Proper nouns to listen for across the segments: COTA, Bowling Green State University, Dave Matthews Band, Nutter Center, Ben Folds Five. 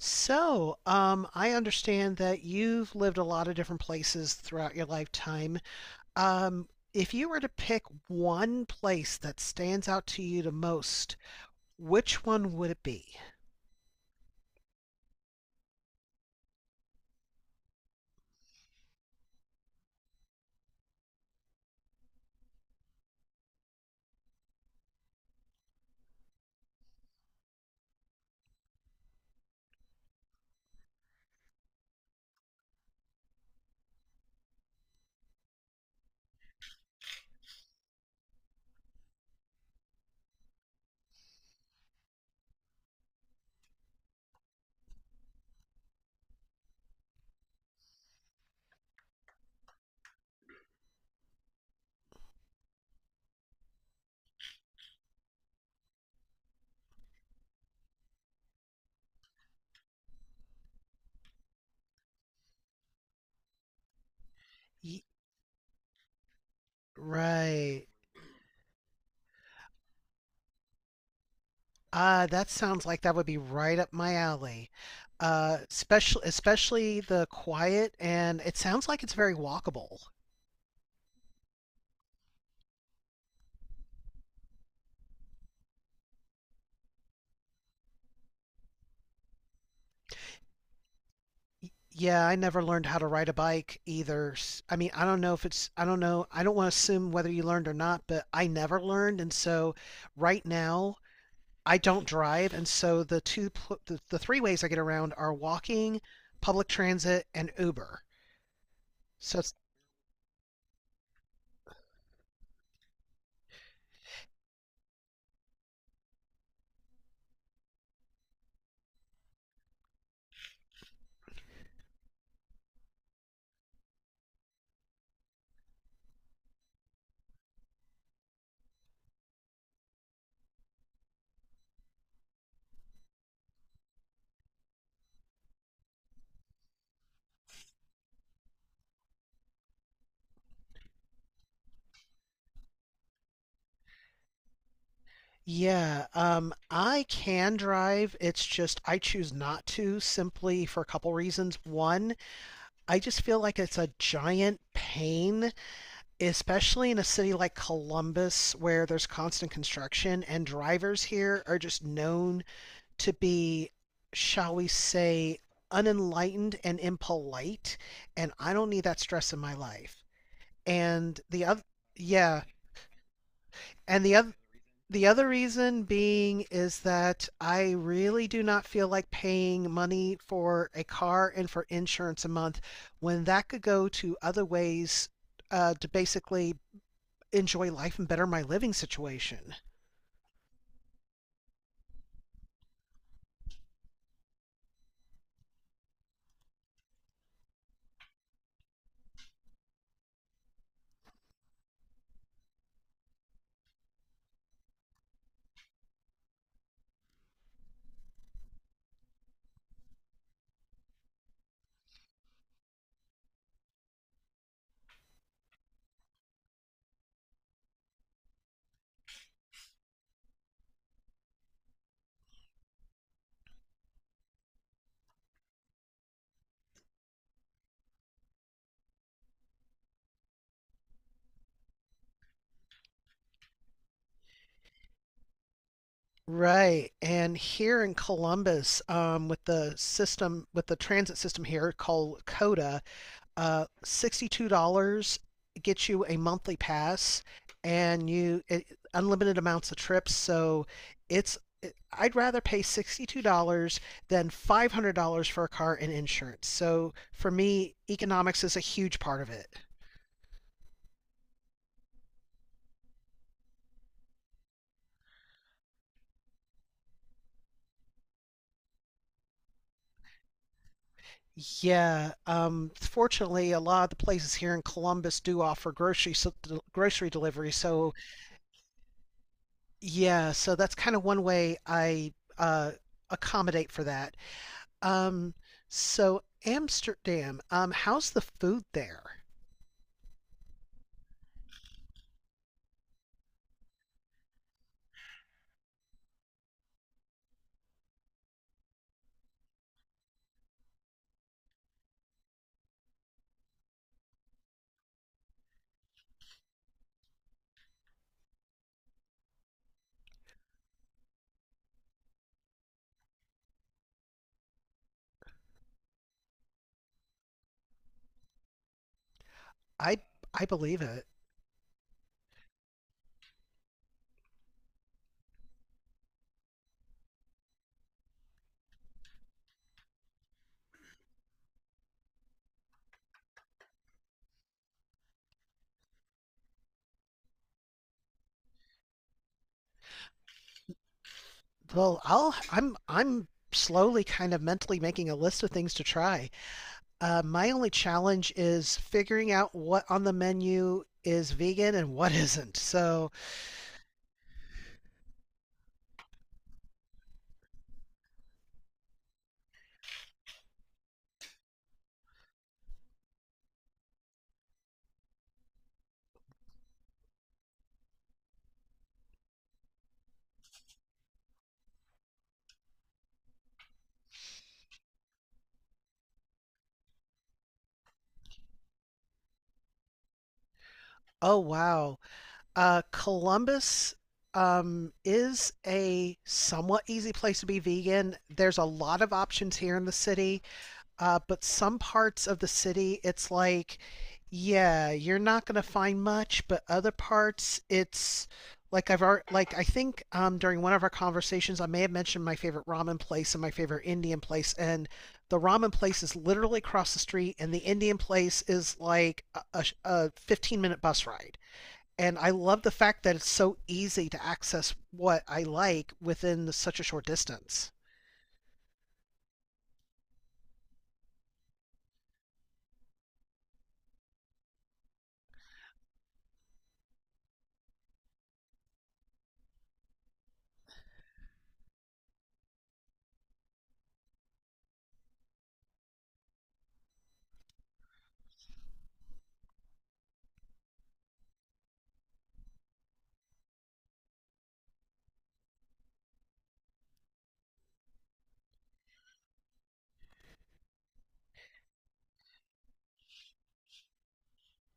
So I understand that you've lived a lot of different places throughout your lifetime. Um, if you were to pick one place that stands out to you the most, which one would it be? Ye- Right. That sounds like that would be right up my alley. Especially the quiet, and it sounds like it's very walkable. Yeah, I never learned how to ride a bike either. I mean, I don't know if it's, I don't know, I don't want to assume whether you learned or not, but I never learned, and so right now I don't drive, and so the two pl- the three ways I get around are walking, public transit, and Uber. So it's Yeah, I can drive. It's just I choose not to simply for a couple reasons. One, I just feel like it's a giant pain, especially in a city like Columbus where there's constant construction, and drivers here are just known to be, shall we say, unenlightened and impolite, and I don't need that stress in my life. And the other, yeah, and the other, the other reason being is that I really do not feel like paying money for a car and for insurance a month when that could go to other ways to basically enjoy life and better my living situation. Right. And here in Columbus, with the system, with the transit system here called COTA. $62 gets you a monthly pass and unlimited amounts of trips. So it's I'd rather pay $62 than $500 for a car and insurance. So for me, economics is a huge part of it. Yeah, fortunately, a lot of the places here in Columbus do offer grocery delivery. So yeah, so that's kind of one way I uh, accommodate for that. Um, so Amsterdam, how's the food there? I I believe it. Well, I'm slowly kind of mentally making a list of things to try. My only challenge is figuring out what on the menu is vegan and what isn't. So, oh wow. Columbus, is a somewhat easy place to be vegan. There's a lot of options here in the city, but some parts of the city, it's like, yeah, you're not going to find much, but other parts, it's like I've already, like I think during one of our conversations, I may have mentioned my favorite ramen place and my favorite Indian place, and the ramen place is literally across the street, and the Indian place is like a 15-minute minute bus ride. And I love the fact that it's so easy to access what I like within such a short distance.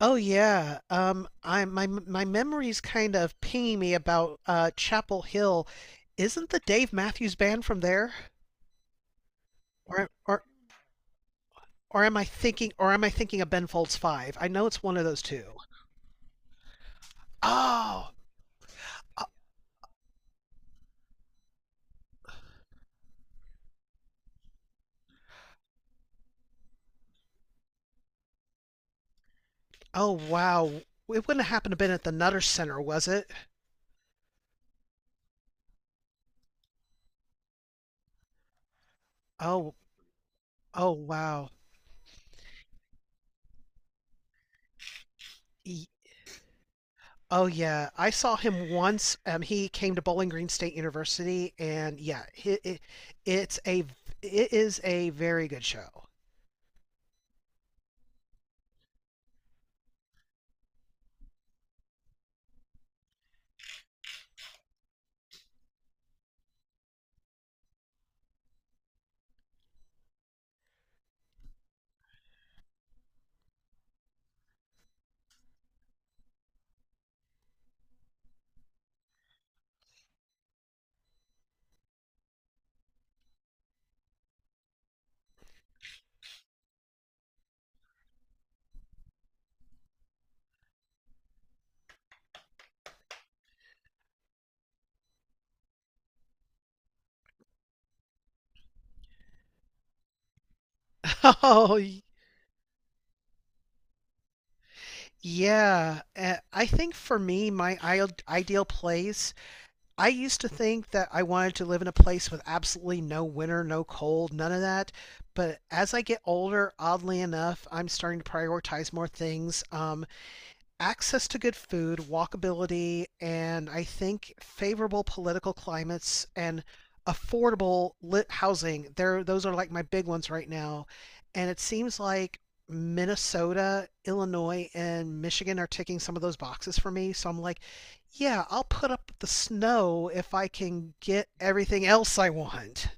Oh yeah, I my memory's kind of pinging me about Chapel Hill. Isn't the Dave Matthews Band from there? Or or or am I thinking of Ben Folds Five? I know it's one of those two. Oh, oh wow! It wouldn't have happened to been at the Nutter Center, was it? Oh, oh wow. E- Oh yeah, I saw him once. He came to Bowling Green State University, and yeah, it's a it is a very good show. Oh y- yeah, I think for me, my ideal place. I used to think that I wanted to live in a place with absolutely no winter, no cold, none of that. But as I get older, oddly enough, I'm starting to prioritize more things. Access to good food, walkability, and I think favorable political climates and affordable lit housing. There, those are like my big ones right now. And it seems like Minnesota, Illinois, and Michigan are ticking some of those boxes for me. So I'm like, yeah, I'll put up with the snow if I can get everything else I want.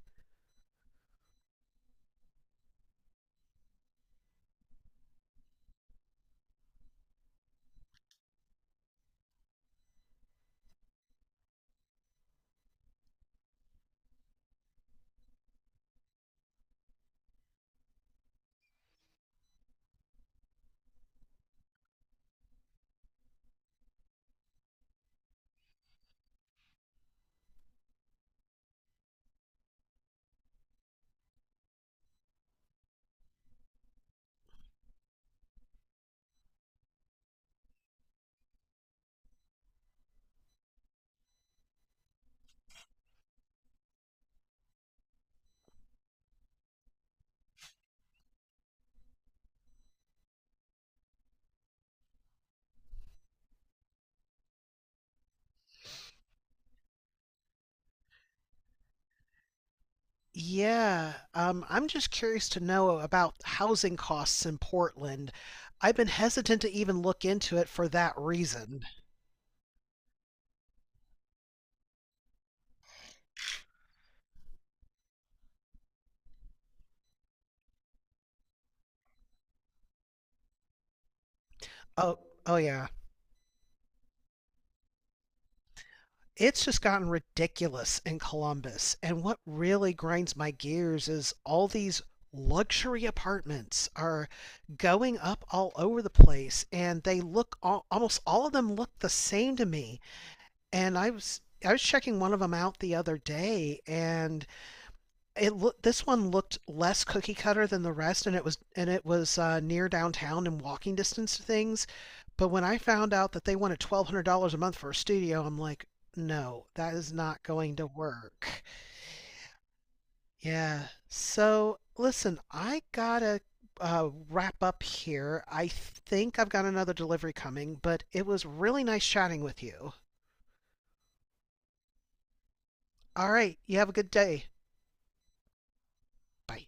Yeah, I'm just curious to know about housing costs in Portland. I've been hesitant to even look into it for that reason. Oh, oh yeah. It's just gotten ridiculous in Columbus. And what really grinds my gears is all these luxury apartments are going up all over the place, and they look all, almost all of them look the same to me. And I was checking one of them out the other day, and this one looked less cookie cutter than the rest, and it was, and it was near downtown and walking distance to things, but when I found out that they wanted $1,200 a month for a studio, I'm like, no, that is not going to work. Yeah, so listen, I gotta wrap up here. I think I've got another delivery coming, but it was really nice chatting with you. All right, you have a good day. Bye.